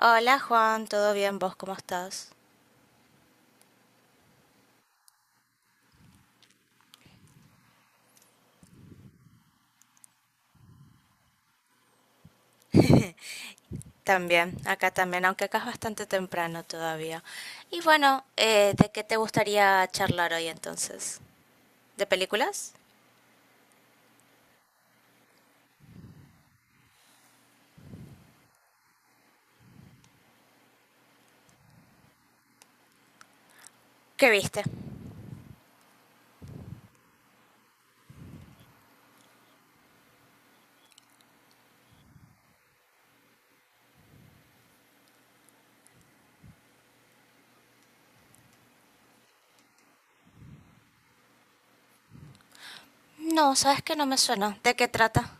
Hola Juan, ¿todo bien? ¿Vos cómo estás? También, acá también, aunque acá es bastante temprano todavía. Y bueno, ¿de qué te gustaría charlar hoy entonces? ¿De películas? ¿Qué viste? No, sabes que no me suena. ¿De qué trata?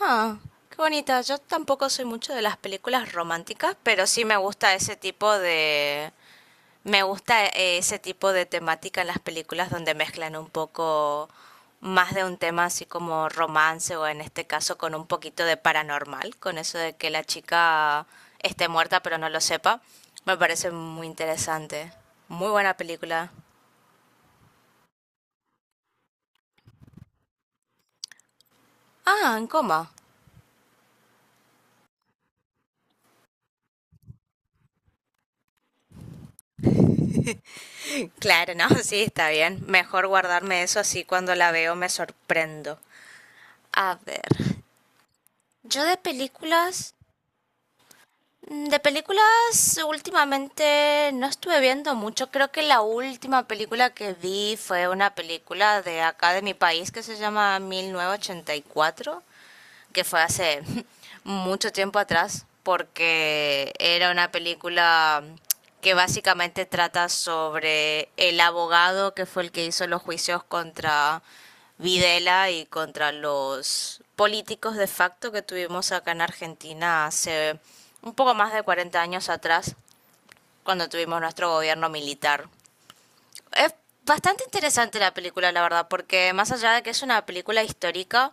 Ah, qué bonita. Yo tampoco soy mucho de las películas románticas, pero sí me gusta ese tipo de me gusta ese tipo de temática en las películas donde mezclan un poco más de un tema así como romance o en este caso con un poquito de paranormal, con eso de que la chica esté muerta pero no lo sepa. Me parece muy interesante. Muy buena película. Ah, en coma. Claro, no, sí, está bien. Mejor guardarme eso así cuando la veo me sorprendo. A ver, yo de películas Mm, de películas, últimamente no estuve viendo mucho. Creo que la última película que vi fue una película de acá de mi país que se llama 1984, que fue hace mucho tiempo atrás, porque era una película que básicamente trata sobre el abogado que fue el que hizo los juicios contra Videla y contra los políticos de facto que tuvimos acá en Argentina hace un poco más de 40 años atrás, cuando tuvimos nuestro gobierno militar. Es bastante interesante la película, la verdad, porque más allá de que es una película histórica,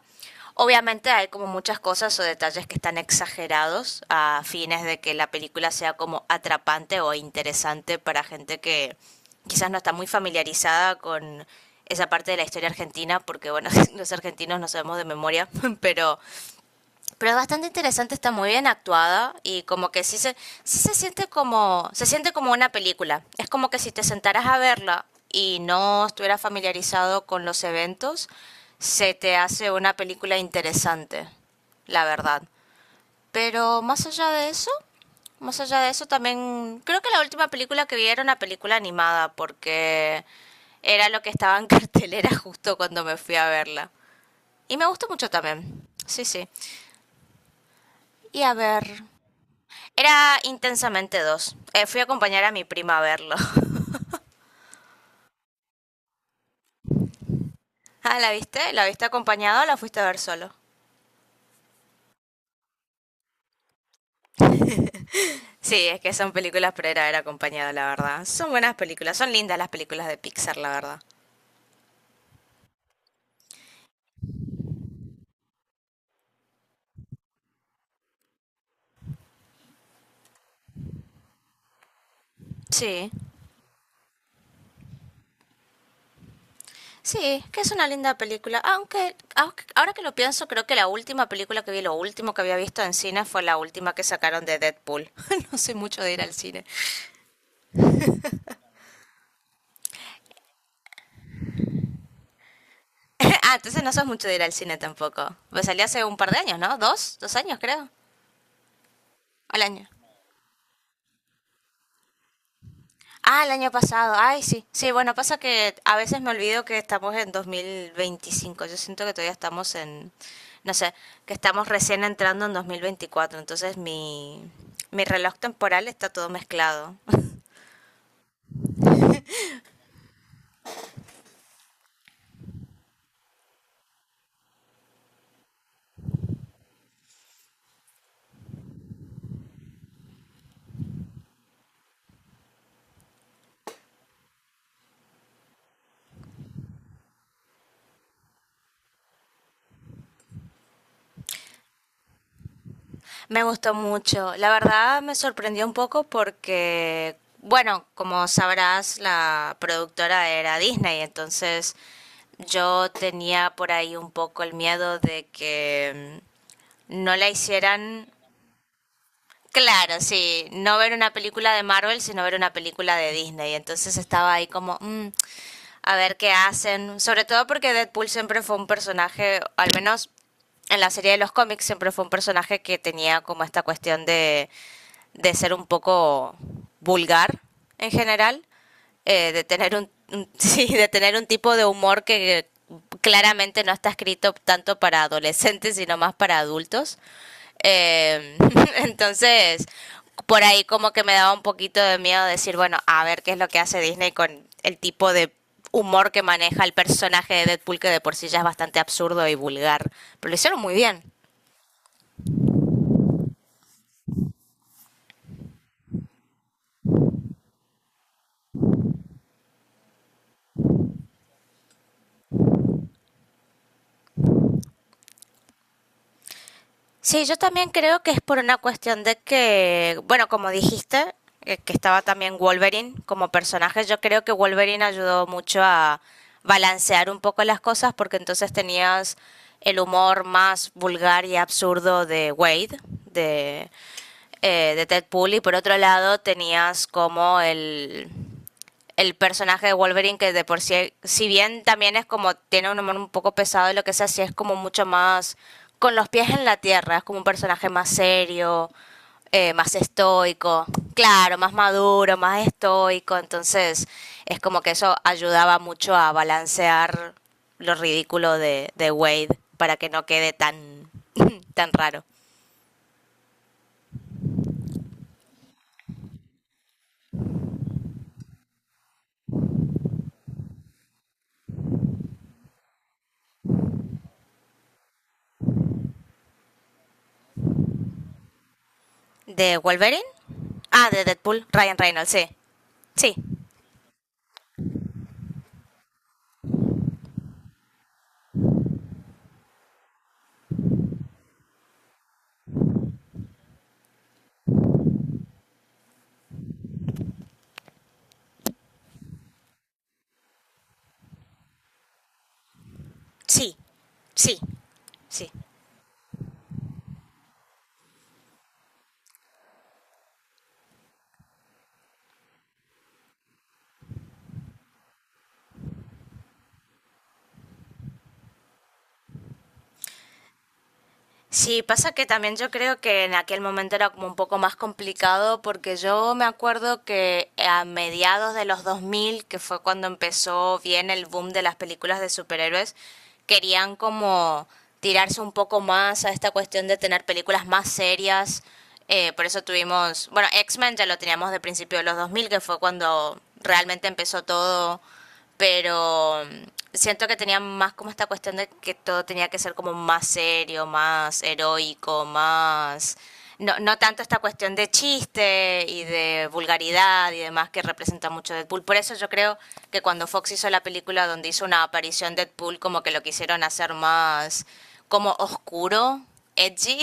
obviamente hay como muchas cosas o detalles que están exagerados a fines de que la película sea como atrapante o interesante para gente que quizás no está muy familiarizada con esa parte de la historia argentina, porque bueno, los argentinos no sabemos de memoria, pero pero es bastante interesante, está muy bien actuada y como que sí se siente como, se siente como una película. Es como que si te sentaras a verla y no estuvieras familiarizado con los eventos, se te hace una película interesante, la verdad. Pero más allá de eso, también creo que la última película que vi era una película animada porque era lo que estaba en cartelera justo cuando me fui a verla. Y me gustó mucho también. Sí, sí. Y a ver, era intensamente dos. Fui a acompañar a mi prima a verlo. Ah, ¿la viste? ¿La viste acompañado o la fuiste a ver solo? Sí, es que son películas pero era ver acompañado, la verdad. Son buenas películas, son lindas las películas de Pixar, la verdad. Sí, sí, que es una linda película. Ahora que lo pienso, creo que la última película que vi, lo último que había visto en cine fue la última que sacaron de Deadpool. No soy mucho de ir al cine. Ah, entonces no sos mucho de ir al cine tampoco. Pues salí hace un par de años, ¿no? ¿Dos? ¿Dos años, creo? Al año. Ah, el año pasado. Ay, sí. Sí, bueno, pasa que a veces me olvido que estamos en 2025. Yo siento que todavía estamos en, no sé, que estamos recién entrando en 2024. Entonces mi reloj temporal está todo mezclado. Me gustó mucho. La verdad me sorprendió un poco porque, bueno, como sabrás, la productora era Disney. Entonces yo tenía por ahí un poco el miedo de que no la hicieran. Claro, sí, no ver una película de Marvel, sino ver una película de Disney. Entonces estaba ahí como, a ver qué hacen. Sobre todo porque Deadpool siempre fue un personaje, al menos en la serie de los cómics, siempre fue un personaje que tenía como esta cuestión de ser un poco vulgar en general, de tener sí, de tener un tipo de humor que claramente no está escrito tanto para adolescentes, sino más para adultos. Eh, entonces, por ahí como que me daba un poquito de miedo decir, bueno, a ver qué es lo que hace Disney con el tipo de humor que maneja el personaje de Deadpool, que de por sí ya es bastante absurdo y vulgar. Pero lo hicieron muy bien. Sí, yo también creo que es por una cuestión de que, bueno, como dijiste, que estaba también Wolverine como personaje, yo creo que Wolverine ayudó mucho a balancear un poco las cosas porque entonces tenías el humor más vulgar y absurdo de Wade, de, de Ted Pool, y por otro lado tenías como el personaje de Wolverine, que de por sí, si bien también es como, tiene un humor un poco pesado y lo que sea, sí es como mucho más con los pies en la tierra, es como un personaje más serio, más estoico, claro, más maduro, más estoico, entonces es como que eso ayudaba mucho a balancear lo ridículo de Wade para que no quede tan, tan raro. ¿De Wolverine? Ah, de Deadpool, Ryan Reynolds, sí. Sí, sí, sí, sí. Sí, pasa que también yo creo que en aquel momento era como un poco más complicado porque yo me acuerdo que a mediados de los 2000 que fue cuando empezó bien el boom de las películas de superhéroes, querían como tirarse un poco más a esta cuestión de tener películas más serias. Por eso tuvimos, bueno, X-Men ya lo teníamos de principio de los 2000 que fue cuando realmente empezó todo, pero siento que tenía más como esta cuestión de que todo tenía que ser como más serio, más heroico, más... No, no tanto esta cuestión de chiste y de vulgaridad y demás que representa mucho Deadpool. Por eso yo creo que cuando Fox hizo la película donde hizo una aparición Deadpool, como que lo quisieron hacer más como oscuro, edgy,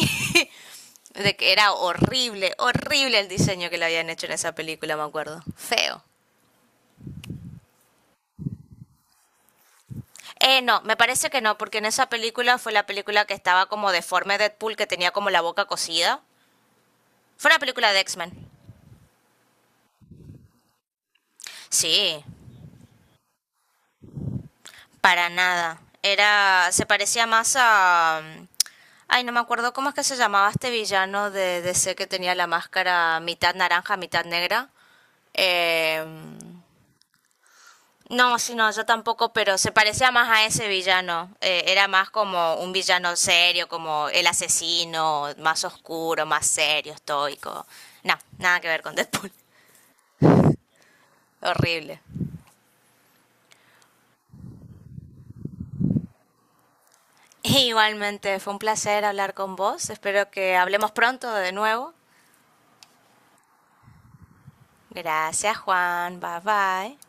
de que era horrible, horrible el diseño que le habían hecho en esa película, me acuerdo. Feo. No, me parece que no, porque en esa película fue la película que estaba como deforme Deadpool, que tenía como la boca cosida. Fue una película de X-Men. Sí, para nada. Se parecía más a... ay, no me acuerdo cómo es que se llamaba este villano de DC que tenía la máscara mitad naranja, mitad negra. Eh, No, sí, no, yo tampoco, pero se parecía más a ese villano. Era más como un villano serio, como el asesino, más oscuro, más serio, estoico. No, nada que ver con Deadpool. Horrible. Igualmente, fue un placer hablar con vos. Espero que hablemos pronto de nuevo. Gracias, Juan. Bye bye.